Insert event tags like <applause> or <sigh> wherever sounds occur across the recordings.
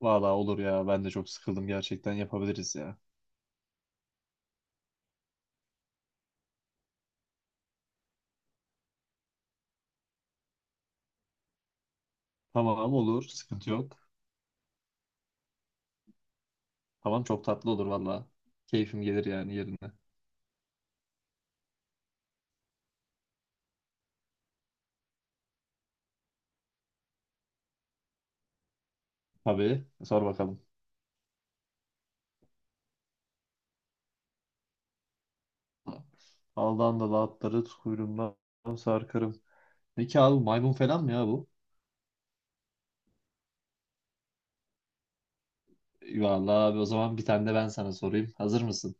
Valla olur ya. Ben de çok sıkıldım gerçekten. Yapabiliriz ya. Tamam olur. Sıkıntı yok. Tamam çok tatlı olur valla. Keyfim gelir yani yerine. Tabii. Sor bakalım. Aldan da atları kuyruğumdan sarkarım. Ne ki abi, maymun falan mı ya bu? Valla abi, o zaman bir tane de ben sana sorayım. Hazır mısın?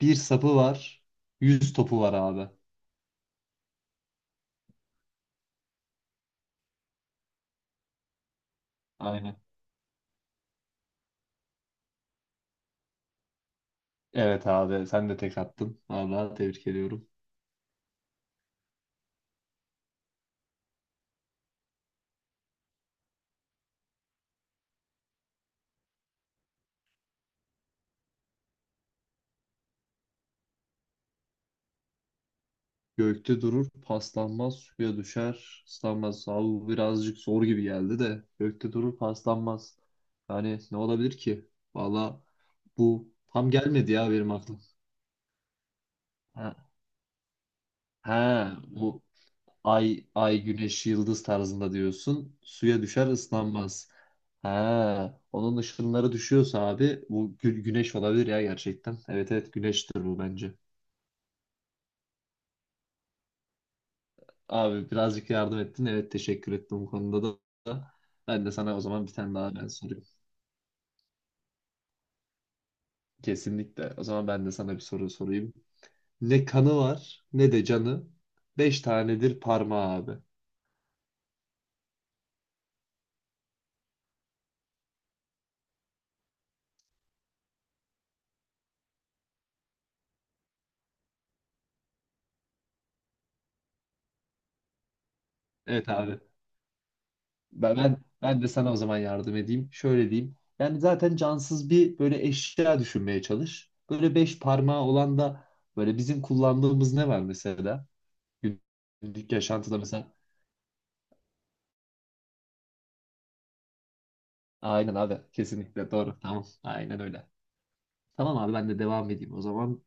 Bir sapı var. Yüz topu var abi. Aynen. Evet abi sen de tek attın. Valla tebrik ediyorum. Gökte durur, paslanmaz, suya düşer, ıslanmaz. Abi bu birazcık zor gibi geldi de. Gökte durur, paslanmaz. Yani ne olabilir ki? Valla bu tam gelmedi ya benim aklıma. Ha, ha, bu ay, ay, güneş, yıldız tarzında diyorsun. Suya düşer, ıslanmaz. Ha, onun ışınları düşüyorsa abi bu güneş olabilir ya gerçekten. Evet evet, güneştir bu bence. Abi birazcık yardım ettin. Evet, teşekkür ettim bu konuda da. Ben de sana o zaman bir tane daha ben sorayım. Kesinlikle. O zaman ben de sana bir soru sorayım. Ne kanı var ne de canı. Beş tanedir parmağı abi. Evet abi. Ben de sana o zaman yardım edeyim. Şöyle diyeyim. Yani zaten cansız bir böyle eşya düşünmeye çalış. Böyle beş parmağı olan da böyle bizim kullandığımız ne var mesela? Günlük yaşantıda mesela. Aynen abi. Kesinlikle doğru. Tamam. Aynen öyle. Tamam abi, ben de devam edeyim o zaman.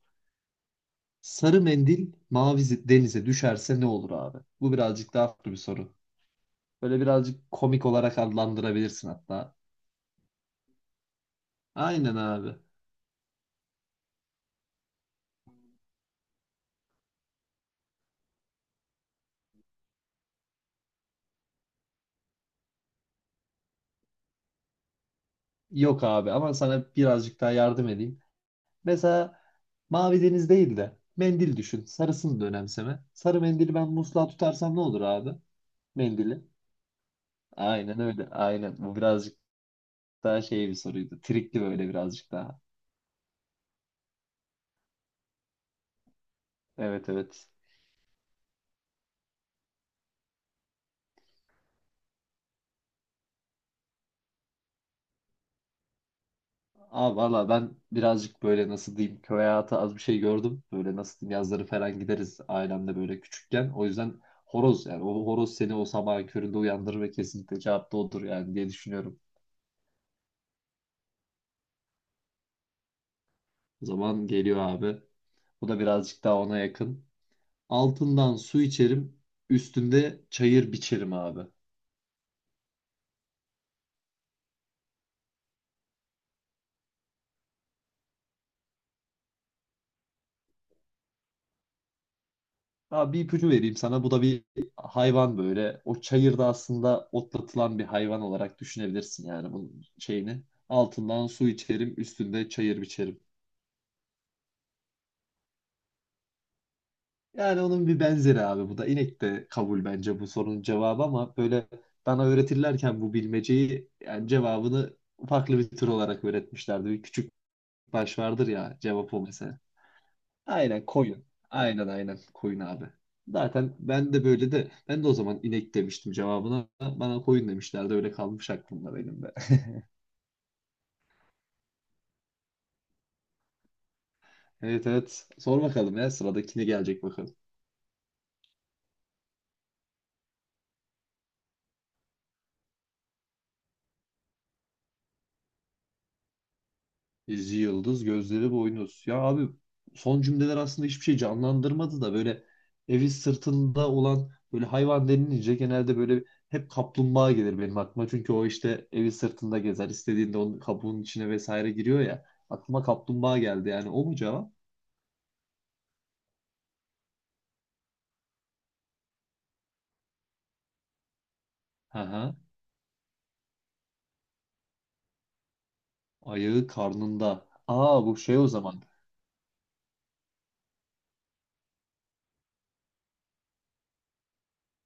Sarı mendil mavi denize düşerse ne olur abi? Bu birazcık daha farklı bir soru. Böyle birazcık komik olarak adlandırabilirsin hatta. Aynen abi. Yok abi, ama sana birazcık daha yardım edeyim. Mesela mavi deniz değil de mendil düşün. Sarısını da önemseme. Sarı mendili ben musluğa tutarsam ne olur abi? Mendili. Aynen öyle. Aynen. Bu birazcık daha şey bir soruydu. Trikli böyle birazcık daha. Evet evet. Abi valla ben birazcık böyle nasıl diyeyim, köy hayatı az bir şey gördüm. Böyle nasıl diyeyim, yazları falan gideriz ailemle böyle küçükken. O yüzden horoz, yani o horoz seni o sabahın köründe uyandırır ve kesinlikle cevap da odur yani diye düşünüyorum. O zaman geliyor abi. Bu da birazcık daha ona yakın. Altından su içerim, üstünde çayır biçerim abi. Abi bir ipucu vereyim sana. Bu da bir hayvan böyle. O çayırda aslında otlatılan bir hayvan olarak düşünebilirsin yani bunun şeyini. Altından su içerim, üstünde çayır biçerim. Yani onun bir benzeri abi bu da. İnek de kabul bence bu sorunun cevabı ama böyle bana öğretirlerken bu bilmeceyi yani cevabını farklı bir tür olarak öğretmişlerdi. Bir küçük baş vardır ya, cevap o mesela. Aynen koyun. Aynen aynen koyun abi. Zaten ben de böyle de ben de o zaman inek demiştim cevabına. Bana koyun demişlerdi, öyle kalmış aklımda benim de. <laughs> Evet evet, sor bakalım ya, sıradakine gelecek bakalım. İzi yıldız, gözleri boynuz. Ya abi, son cümleler aslında hiçbir şey canlandırmadı da böyle evi sırtında olan böyle hayvan denilince genelde böyle hep kaplumbağa gelir benim aklıma. Çünkü o işte evi sırtında gezer, istediğinde onun kabuğunun içine vesaire giriyor ya. Aklıma kaplumbağa geldi, yani o mu cevap? Hı hı. Ayağı karnında. Aa, bu şey o zaman.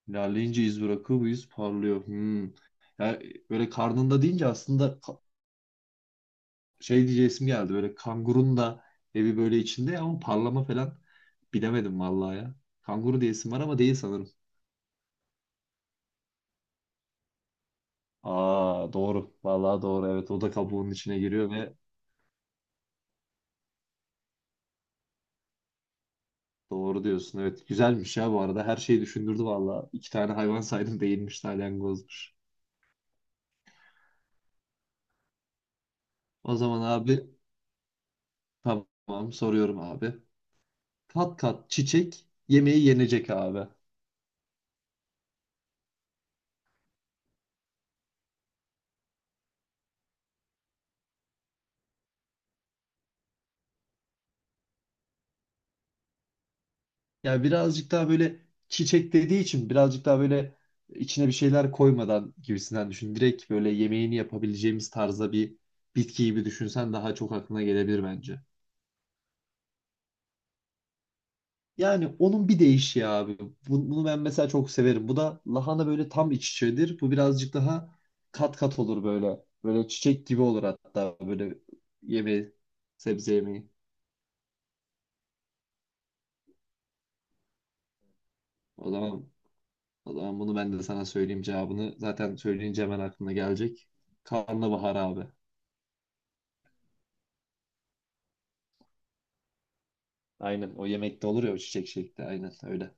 İlerleyince iz bırakır, bu iz parlıyor. Hmm. Ya böyle karnında deyince aslında şey diyeceğim geldi. Böyle kangurun da evi böyle içinde ama parlama falan bilemedim vallahi ya. Kanguru diyesim var ama değil sanırım. Aa doğru. Vallahi doğru. Evet, o da kabuğun içine giriyor ve doğru diyorsun. Evet, güzelmiş ya bu arada. Her şeyi düşündürdü vallahi. İki tane hayvan saydım, değilmiş, salyangozmuş. O zaman abi tamam, soruyorum abi. Kat kat çiçek, yemeği yenecek abi. Yani birazcık daha böyle çiçek dediği için birazcık daha böyle içine bir şeyler koymadan gibisinden düşün. Direkt böyle yemeğini yapabileceğimiz tarzda bir bitki gibi düşünsen daha çok aklına gelebilir bence. Yani onun bir değişiği abi. Bunu ben mesela çok severim. Bu da lahana böyle tam iç içedir. Bu birazcık daha kat kat olur böyle. Böyle çiçek gibi olur hatta, böyle yemeği, sebze yemeği. O zaman O zaman bunu ben de sana söyleyeyim cevabını. Zaten söyleyince hemen aklına gelecek. Karnabahar abi. Aynen, o yemekte olur ya o çiçek şekli. Aynen öyle.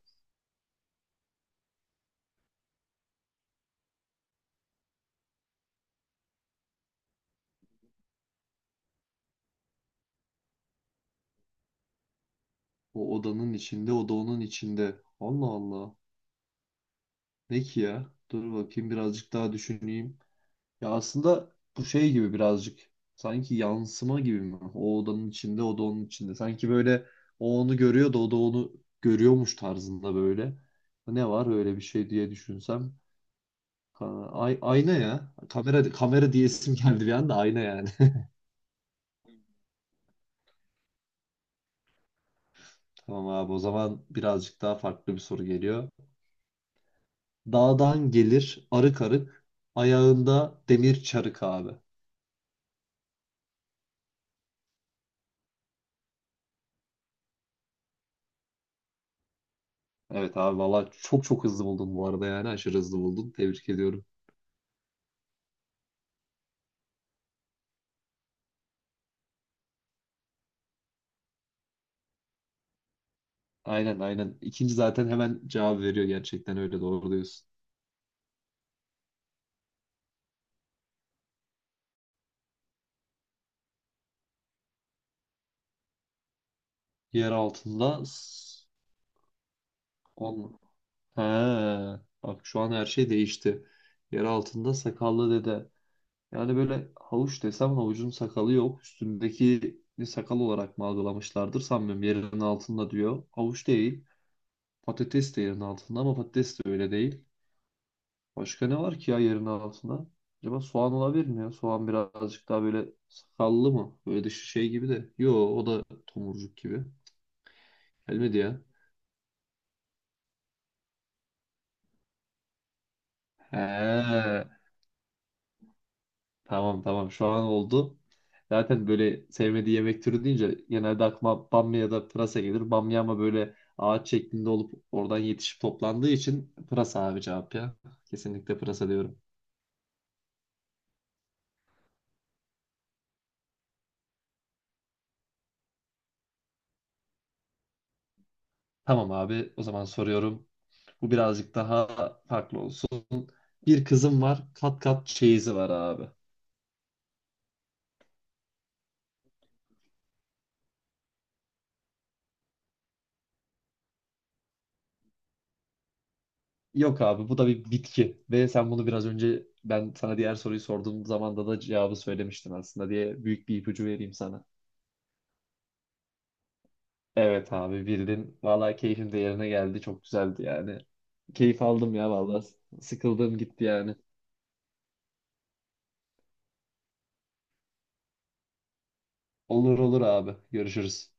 O odanın içinde, o da onun içinde. Allah Allah. Ne ki ya? Dur bakayım, birazcık daha düşüneyim. Ya aslında bu şey gibi birazcık. Sanki yansıma gibi mi? O odanın içinde, o da onun içinde. Sanki böyle o onu görüyor da o da onu görüyormuş tarzında böyle. Ne var öyle bir şey diye düşünsem. Ha, ayna ya. Kamera kamera diyesim geldi bir anda, ayna yani. <laughs> Tamam abi, o zaman birazcık daha farklı bir soru geliyor. Dağdan gelir arık arık, ayağında demir çarık abi. Evet abi valla çok çok hızlı buldun bu arada, yani aşırı hızlı buldun. Tebrik ediyorum. Aynen aynen. İkinci zaten hemen cevap veriyor gerçekten, öyle doğru diyorsun. Yer altında s- on... He, bak şu an her şey değişti. Yer altında sakallı dede. Yani böyle havuç desem, havucun sakalı yok. Üstündeki sakal olarak mı algılamışlardır, sanmıyorum. Yerinin altında diyor. Havuç değil. Patates de yerin altında ama patates de öyle değil. Başka ne var ki ya yerin altında? Acaba soğan olabilir mi ya? Soğan birazcık daha böyle sakallı mı? Böyle dışı şey gibi de. Yo, o da tomurcuk gibi. Gelmedi ya. He. Tamam tamam, şu an oldu. Zaten böyle sevmediği yemek türü deyince genelde aklıma bamya ya da pırasa gelir. Bamya ama böyle ağaç şeklinde olup oradan yetişip toplandığı için pırasa abi cevap ya. Kesinlikle pırasa diyorum. Tamam abi, o zaman soruyorum. Bu birazcık daha farklı olsun. Bir kızım var, kat kat çeyizi var abi. Yok abi, bu da bir bitki ve sen bunu biraz önce ben sana diğer soruyu sorduğum zamanda da cevabı söylemiştin aslında diye büyük bir ipucu vereyim sana. Evet abi, bildin. Vallahi keyfim de yerine geldi. Çok güzeldi yani. Keyif aldım ya vallahi. Sıkıldım gitti yani. Olur olur abi. Görüşürüz.